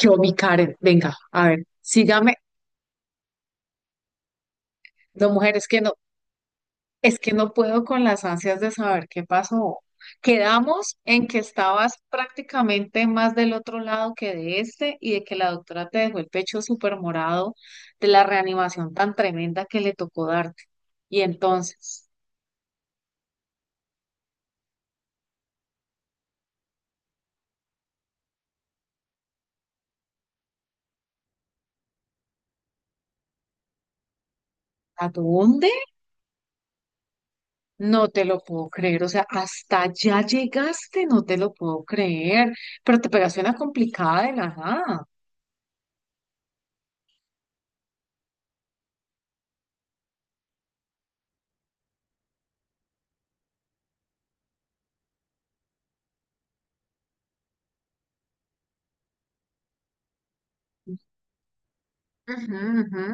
Yo, mi Karen, venga, a ver, sígame. No, mujer, es que no puedo con las ansias de saber qué pasó. Quedamos en que estabas prácticamente más del otro lado que de este y de que la doctora te dejó el pecho súper morado de la reanimación tan tremenda que le tocó darte. Y entonces, ¿a dónde? No te lo puedo creer. O sea, hasta ya llegaste, no te lo puedo creer. Pero te pegaste una complicada de la nada. Ujú, ujú.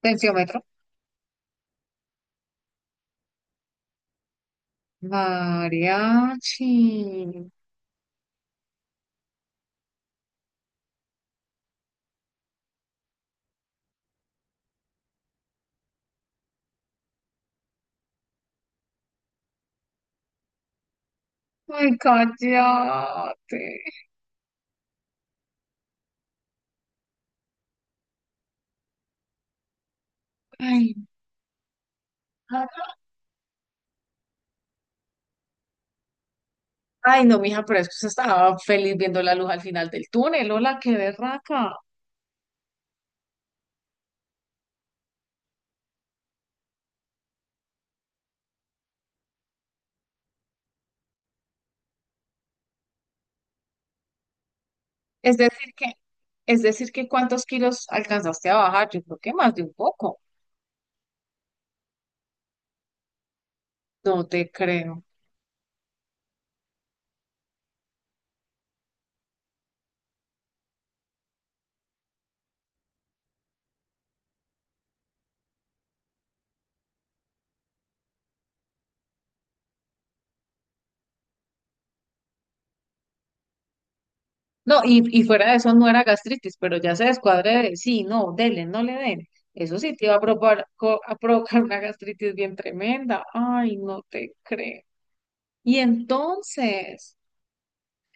Tensiómetro. Mariachi. Ay, cállate. Ay, ay, no, mija, pero es que usted estaba feliz viendo la luz al final del túnel. Hola, qué berraca. Es decir que, es decir que cuántos kilos alcanzaste a bajar. Yo creo que más de un poco. No te creo. No, y fuera de eso no era gastritis, pero ya se descuadre de, sí, no, dele, no le den. Eso sí te iba a provocar, a provocar una gastritis bien tremenda. Ay, no te creo. Y entonces.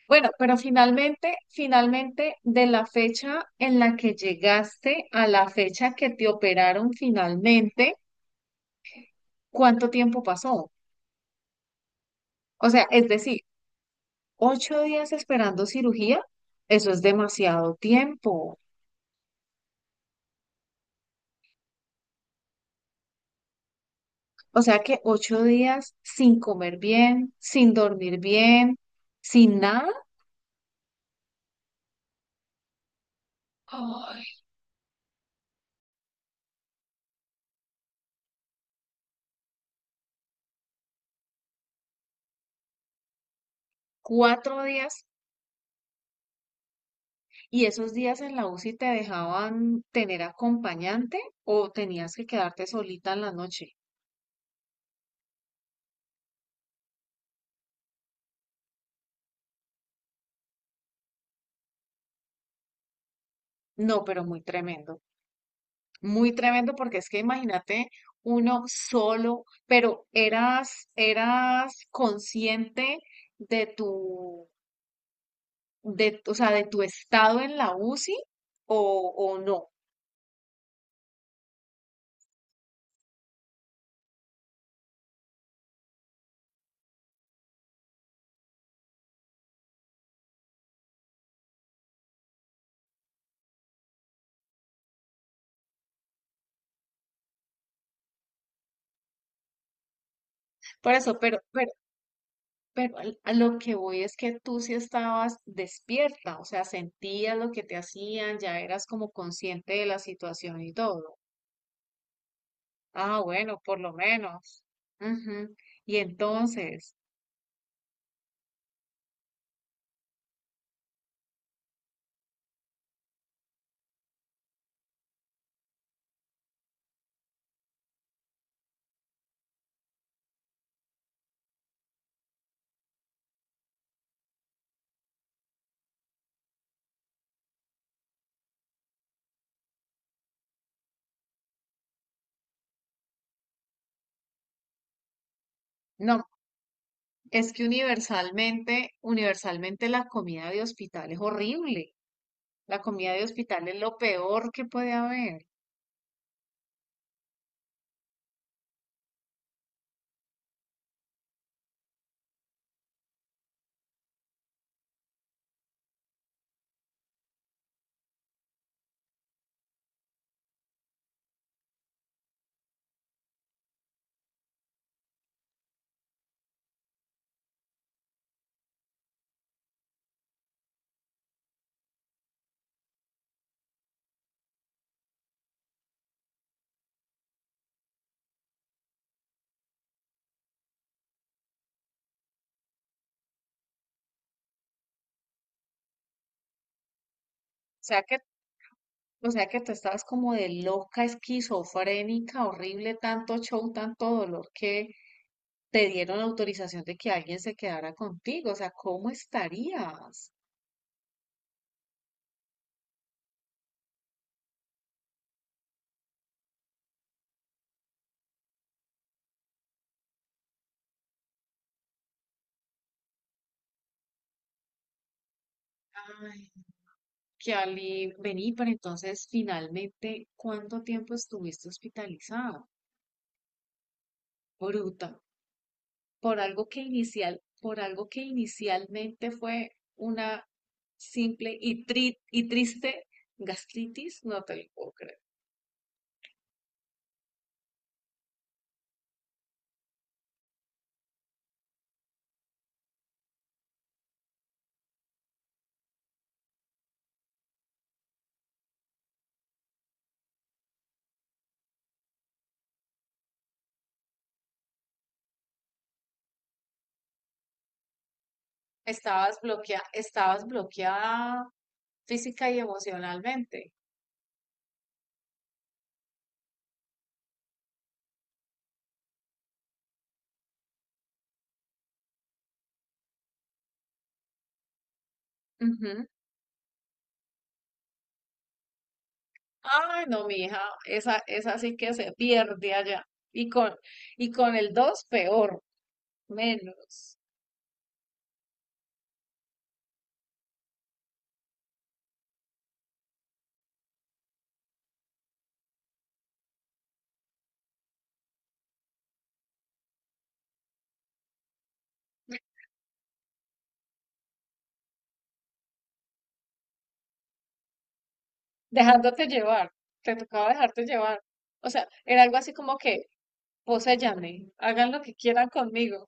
Bueno, pero finalmente, de la fecha en la que llegaste a la fecha que te operaron finalmente, ¿cuánto tiempo pasó? O sea, es decir, 8 días esperando cirugía, eso es demasiado tiempo. O sea que 8 días sin comer bien, sin dormir bien, sin nada, ¡ay! 4 días. ¿Y esos días en la UCI te dejaban tener acompañante o tenías que quedarte solita en la noche? No, pero muy tremendo porque es que imagínate uno solo, pero eras, eras consciente de tu, de, o sea, de tu estado en la UCI o, o no. Por eso, pero a lo que voy es que tú sí estabas despierta, o sea, sentías lo que te hacían, ya eras como consciente de la situación y todo. Ah, bueno, por lo menos. Ujú. Y entonces. No, es que universalmente la comida de hospital es horrible. La comida de hospital es lo peor que puede haber. O sea que, o sea que tú estabas como de loca, esquizofrénica, horrible, tanto show, tanto dolor que te dieron autorización de que alguien se quedara contigo. O sea, ¿cómo estarías? Ay, qué alivio. Vení, pero entonces finalmente, ¿cuánto tiempo estuviste hospitalizada? Bruta. Por algo que inicialmente fue una simple y, triste gastritis, no te lo puedo creer. Estabas bloqueada física y emocionalmente. Ujú. Ay, no, mi hija, esa sí que se pierde allá. Y con, y con el 2 peor, menos. Dejándote llevar, te tocaba dejarte llevar. O sea, era algo así como que, poséyanme, hagan lo que quieran conmigo.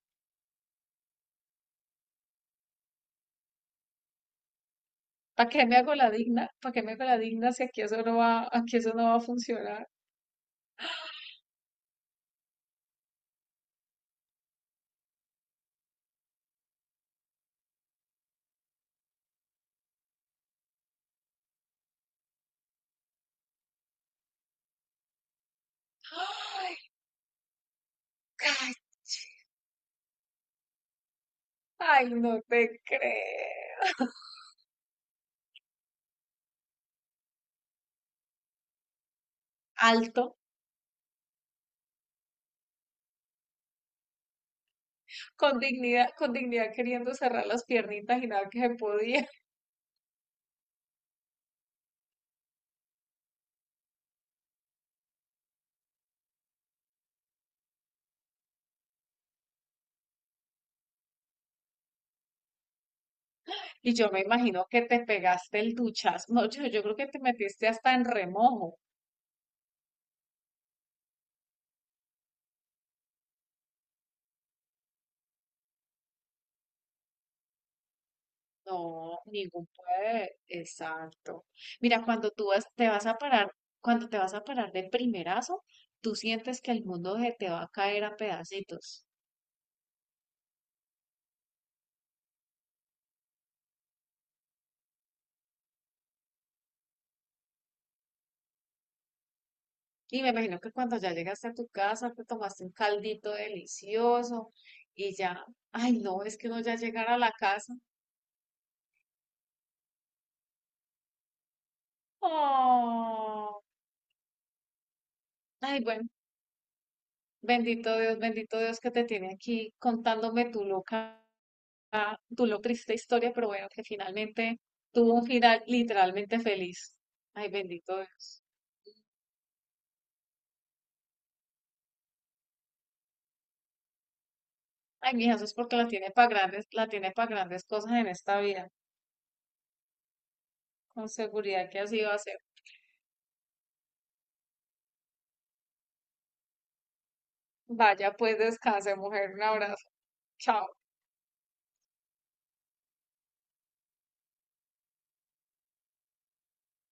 ¿Para qué me hago la digna? ¿Para qué me hago la digna si aquí eso no va, aquí eso no va a funcionar? Ay, cachi. Ay, no te creo. Alto, con dignidad queriendo cerrar las piernitas y nada que se podía. Y yo me imagino que te pegaste el duchazo. No, yo creo que te metiste hasta en remojo. No, ningún puede. Exacto. Mira, cuando tú vas, te vas a parar, cuando te vas a parar de primerazo, tú sientes que el mundo se te va a caer a pedacitos. Y me imagino que cuando ya llegaste a tu casa, te tomaste un caldito delicioso y ya, ay no, es que uno ya llegar a la casa. Oh, ay bueno, bendito Dios que te tiene aquí contándome tu loca, tu lo triste historia, pero bueno, que finalmente tuvo un final literalmente feliz. Ay, bendito Dios. Ay, mija, eso es porque la tiene para grandes, la tiene para grandes cosas en esta vida. Con seguridad que así va a ser. Vaya, pues descanse, mujer. Un abrazo. Chao.